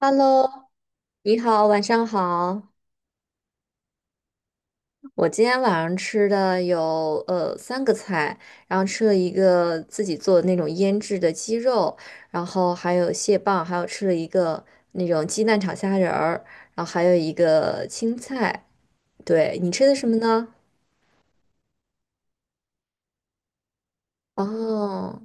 Hello，你好，晚上好。我今天晚上吃的有三个菜，然后吃了一个自己做的那种腌制的鸡肉，然后还有蟹棒，还有吃了一个那种鸡蛋炒虾仁儿，然后还有一个青菜。对，你吃的什么呢？哦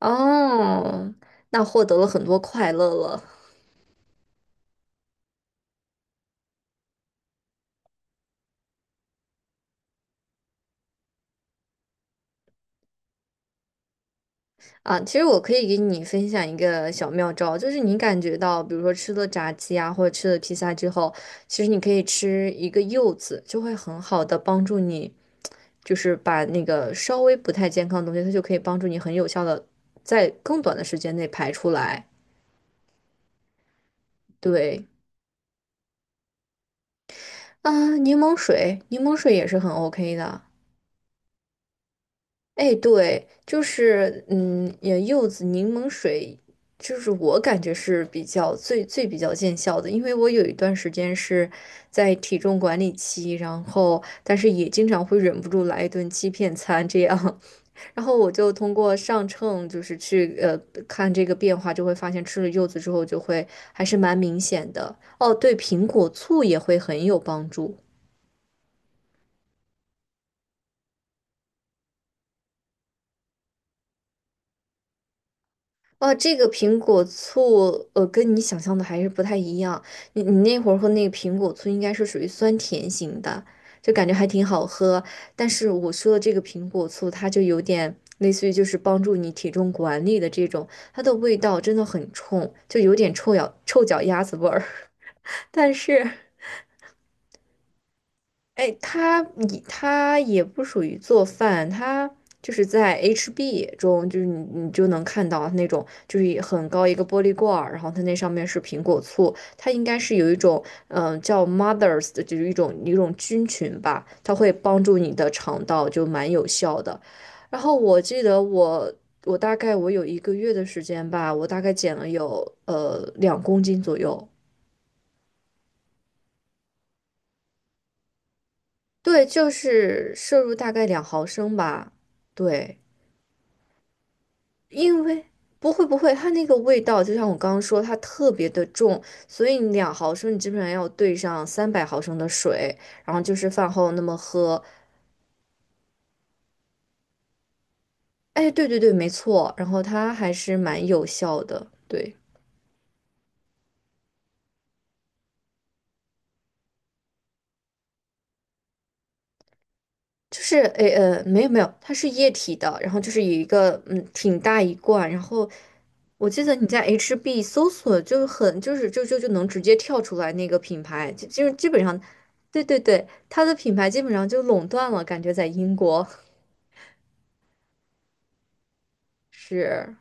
哦，那获得了很多快乐了。啊，其实我可以给你分享一个小妙招，就是你感觉到，比如说吃了炸鸡啊，或者吃了披萨之后，其实你可以吃一个柚子，就会很好的帮助你，就是把那个稍微不太健康的东西，它就可以帮助你很有效的在更短的时间内排出来。对，啊，柠檬水，柠檬水也是很 OK 的。哎，对，就是嗯，也柚子柠檬水，就是我感觉是比较最比较见效的，因为我有一段时间是在体重管理期，然后但是也经常会忍不住来一顿欺骗餐这样，然后我就通过上秤，就是去看这个变化，就会发现吃了柚子之后就会还是蛮明显的。哦，对，苹果醋也会很有帮助。哦，这个苹果醋，呃，跟你想象的还是不太一样。你那会儿喝那个苹果醋，应该是属于酸甜型的，就感觉还挺好喝。但是我说的这个苹果醋，它就有点类似于就是帮助你体重管理的这种，它的味道真的很冲，就有点臭脚丫子味儿。但是哎，它也不属于做饭，它就是在 HB 中，就是你就能看到那种就是一很高一个玻璃罐儿，然后它那上面是苹果醋，它应该是有一种叫 Mothers 的，就是一种菌群吧，它会帮助你的肠道，就蛮有效的。然后我记得我我大概我有一个月的时间吧，我大概减了有两公斤左右，对，就是摄入大概两毫升吧，对。因为不会，它那个味道就像我刚刚说，它特别的重，所以你两毫升你基本上要兑上三百毫升的水，然后就是饭后那么喝。哎，对，没错，然后它还是蛮有效的，对。就是，没有，它是液体的，然后就是有一个嗯挺大一罐，然后我记得你在 HB 搜索就是很就是就就就能直接跳出来那个品牌，就就是基本上，对，它的品牌基本上就垄断了，感觉在英国是，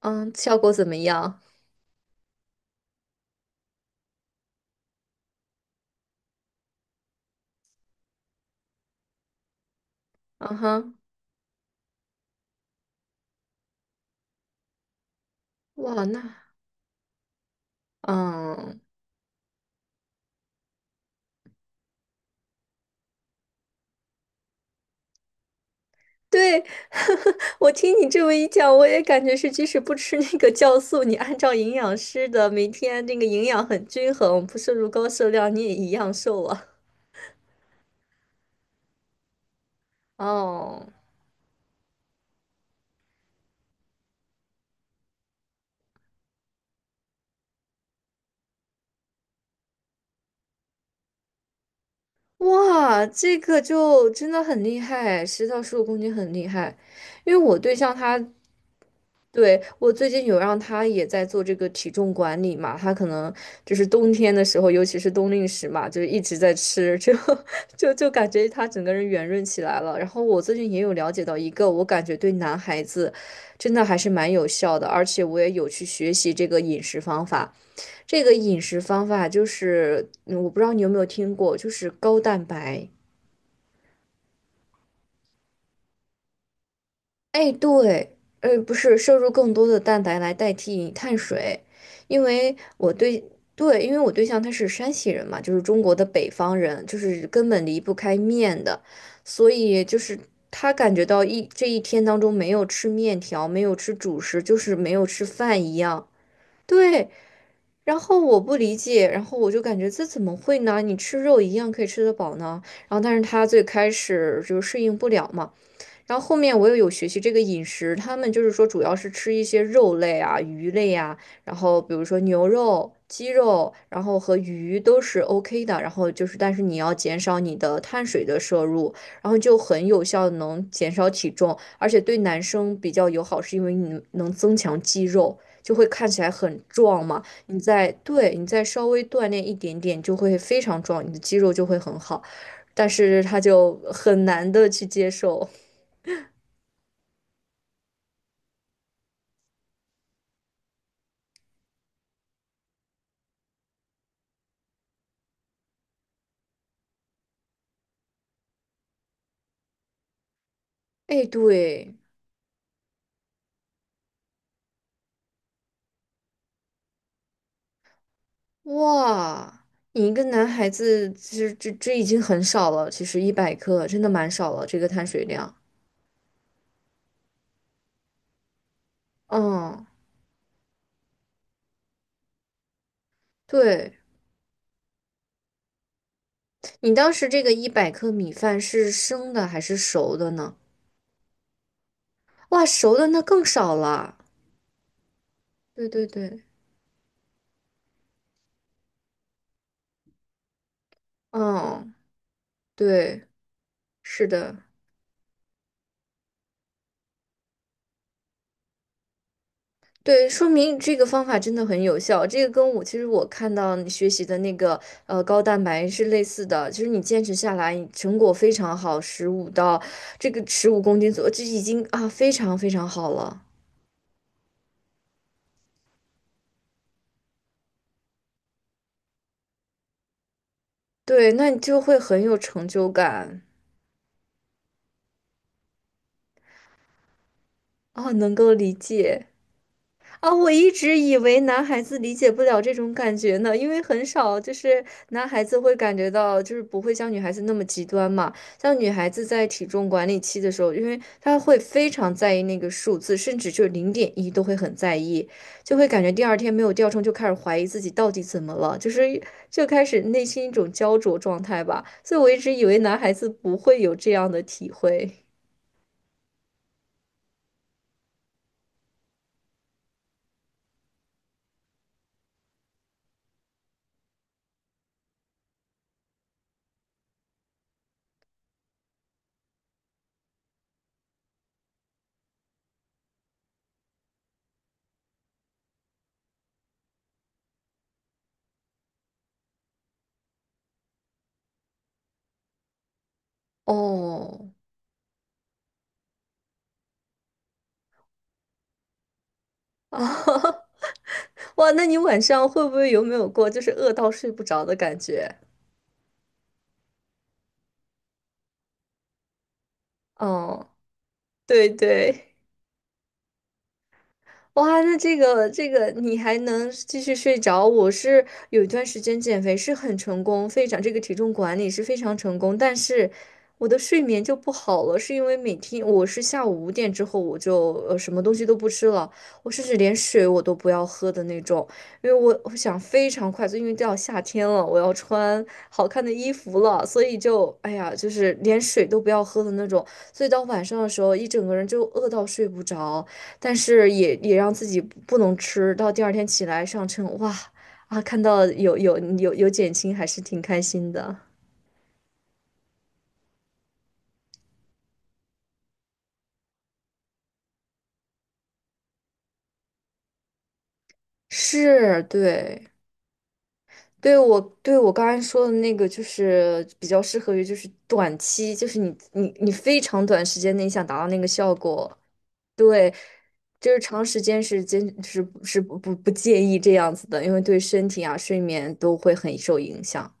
嗯，效果怎么样？嗯哼，哇，那嗯。对，我听你这么一讲，我也感觉是，即使不吃那个酵素，你按照营养师的每天那个营养很均衡，不摄入高热量，你也一样瘦啊。哦，哇，这个就真的很厉害，十到十五公斤很厉害。因为我对象他对，我最近有让他也在做这个体重管理嘛，他可能就是冬天的时候，尤其是冬令时嘛，就是一直在吃，就 就感觉他整个人圆润起来了。然后我最近也有了解到一个，我感觉对男孩子真的还是蛮有效的，而且我也有去学习这个饮食方法。这个饮食方法就是，嗯我不知道你有没有听过，就是高蛋白。哎，对，呃，不是摄入更多的蛋白来代替碳水，因为对，因为我对象他是山西人嘛，就是中国的北方人，就是根本离不开面的，所以就是他感觉到这一天当中没有吃面条，没有吃主食，就是没有吃饭一样。对，然后我不理解，然后我就感觉这怎么会呢？你吃肉一样可以吃得饱呢？然后但是他最开始就适应不了嘛。然后后面我又有学习这个饮食，他们就是说主要是吃一些肉类啊、鱼类啊，然后比如说牛肉、鸡肉，然后和鱼都是 OK 的。然后就是，但是你要减少你的碳水的摄入，然后就很有效地能减少体重，而且对男生比较友好，是因为你能增强肌肉，就会看起来很壮嘛。你在对你再稍微锻炼一点点，就会非常壮，你的肌肉就会很好。但是他就很难的去接受。哎，对，哇，你一个男孩子，这已经很少了，其实一百克真的蛮少了，这个碳水量。嗯，对，你当时这个一百克米饭是生的还是熟的呢？哇，熟的那更少了。对，嗯，对，是的。对，说明这个方法真的很有效。这个跟我其实我看到你学习的那个呃高蛋白是类似的，就是你坚持下来，成果非常好，十五到这个十五公斤左右，这已经啊非常非常好了。对，那你就会很有成就感啊，能够理解。啊，我一直以为男孩子理解不了这种感觉呢，因为很少就是男孩子会感觉到，就是不会像女孩子那么极端嘛。像女孩子在体重管理期的时候，因为她会非常在意那个数字，甚至就零点一都会很在意，就会感觉第二天没有掉秤，就开始怀疑自己到底怎么了，就是就开始内心一种焦灼状态吧。所以我一直以为男孩子不会有这样的体会。哦，啊。哇，那你晚上会不会有没有过就是饿到睡不着的感觉？哦，对对。哇，那这个你还能继续睡着？我是有一段时间减肥是很成功，非常这个体重管理是非常成功，但是我的睡眠就不好了，是因为每天我是下午五点之后我就什么东西都不吃了，我甚至连水我都不要喝的那种，因为我想非常快速，因为到夏天了，我要穿好看的衣服了，所以就哎呀，就是连水都不要喝的那种，所以到晚上的时候一整个人就饿到睡不着。但是也让自己不能吃，到第二天起来上称，哇啊，看到有减轻，还是挺开心的。是，对，对我刚才说的那个，就是比较适合于就是短期，就是你非常短时间内想达到那个效果，对，就是长时间是坚是是不建议这样子的，因为对身体啊、睡眠都会很受影响。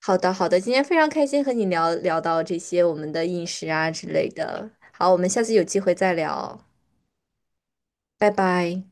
好的，好的，今天非常开心和你聊到这些我们的饮食啊之类的。好，我们下次有机会再聊，拜拜。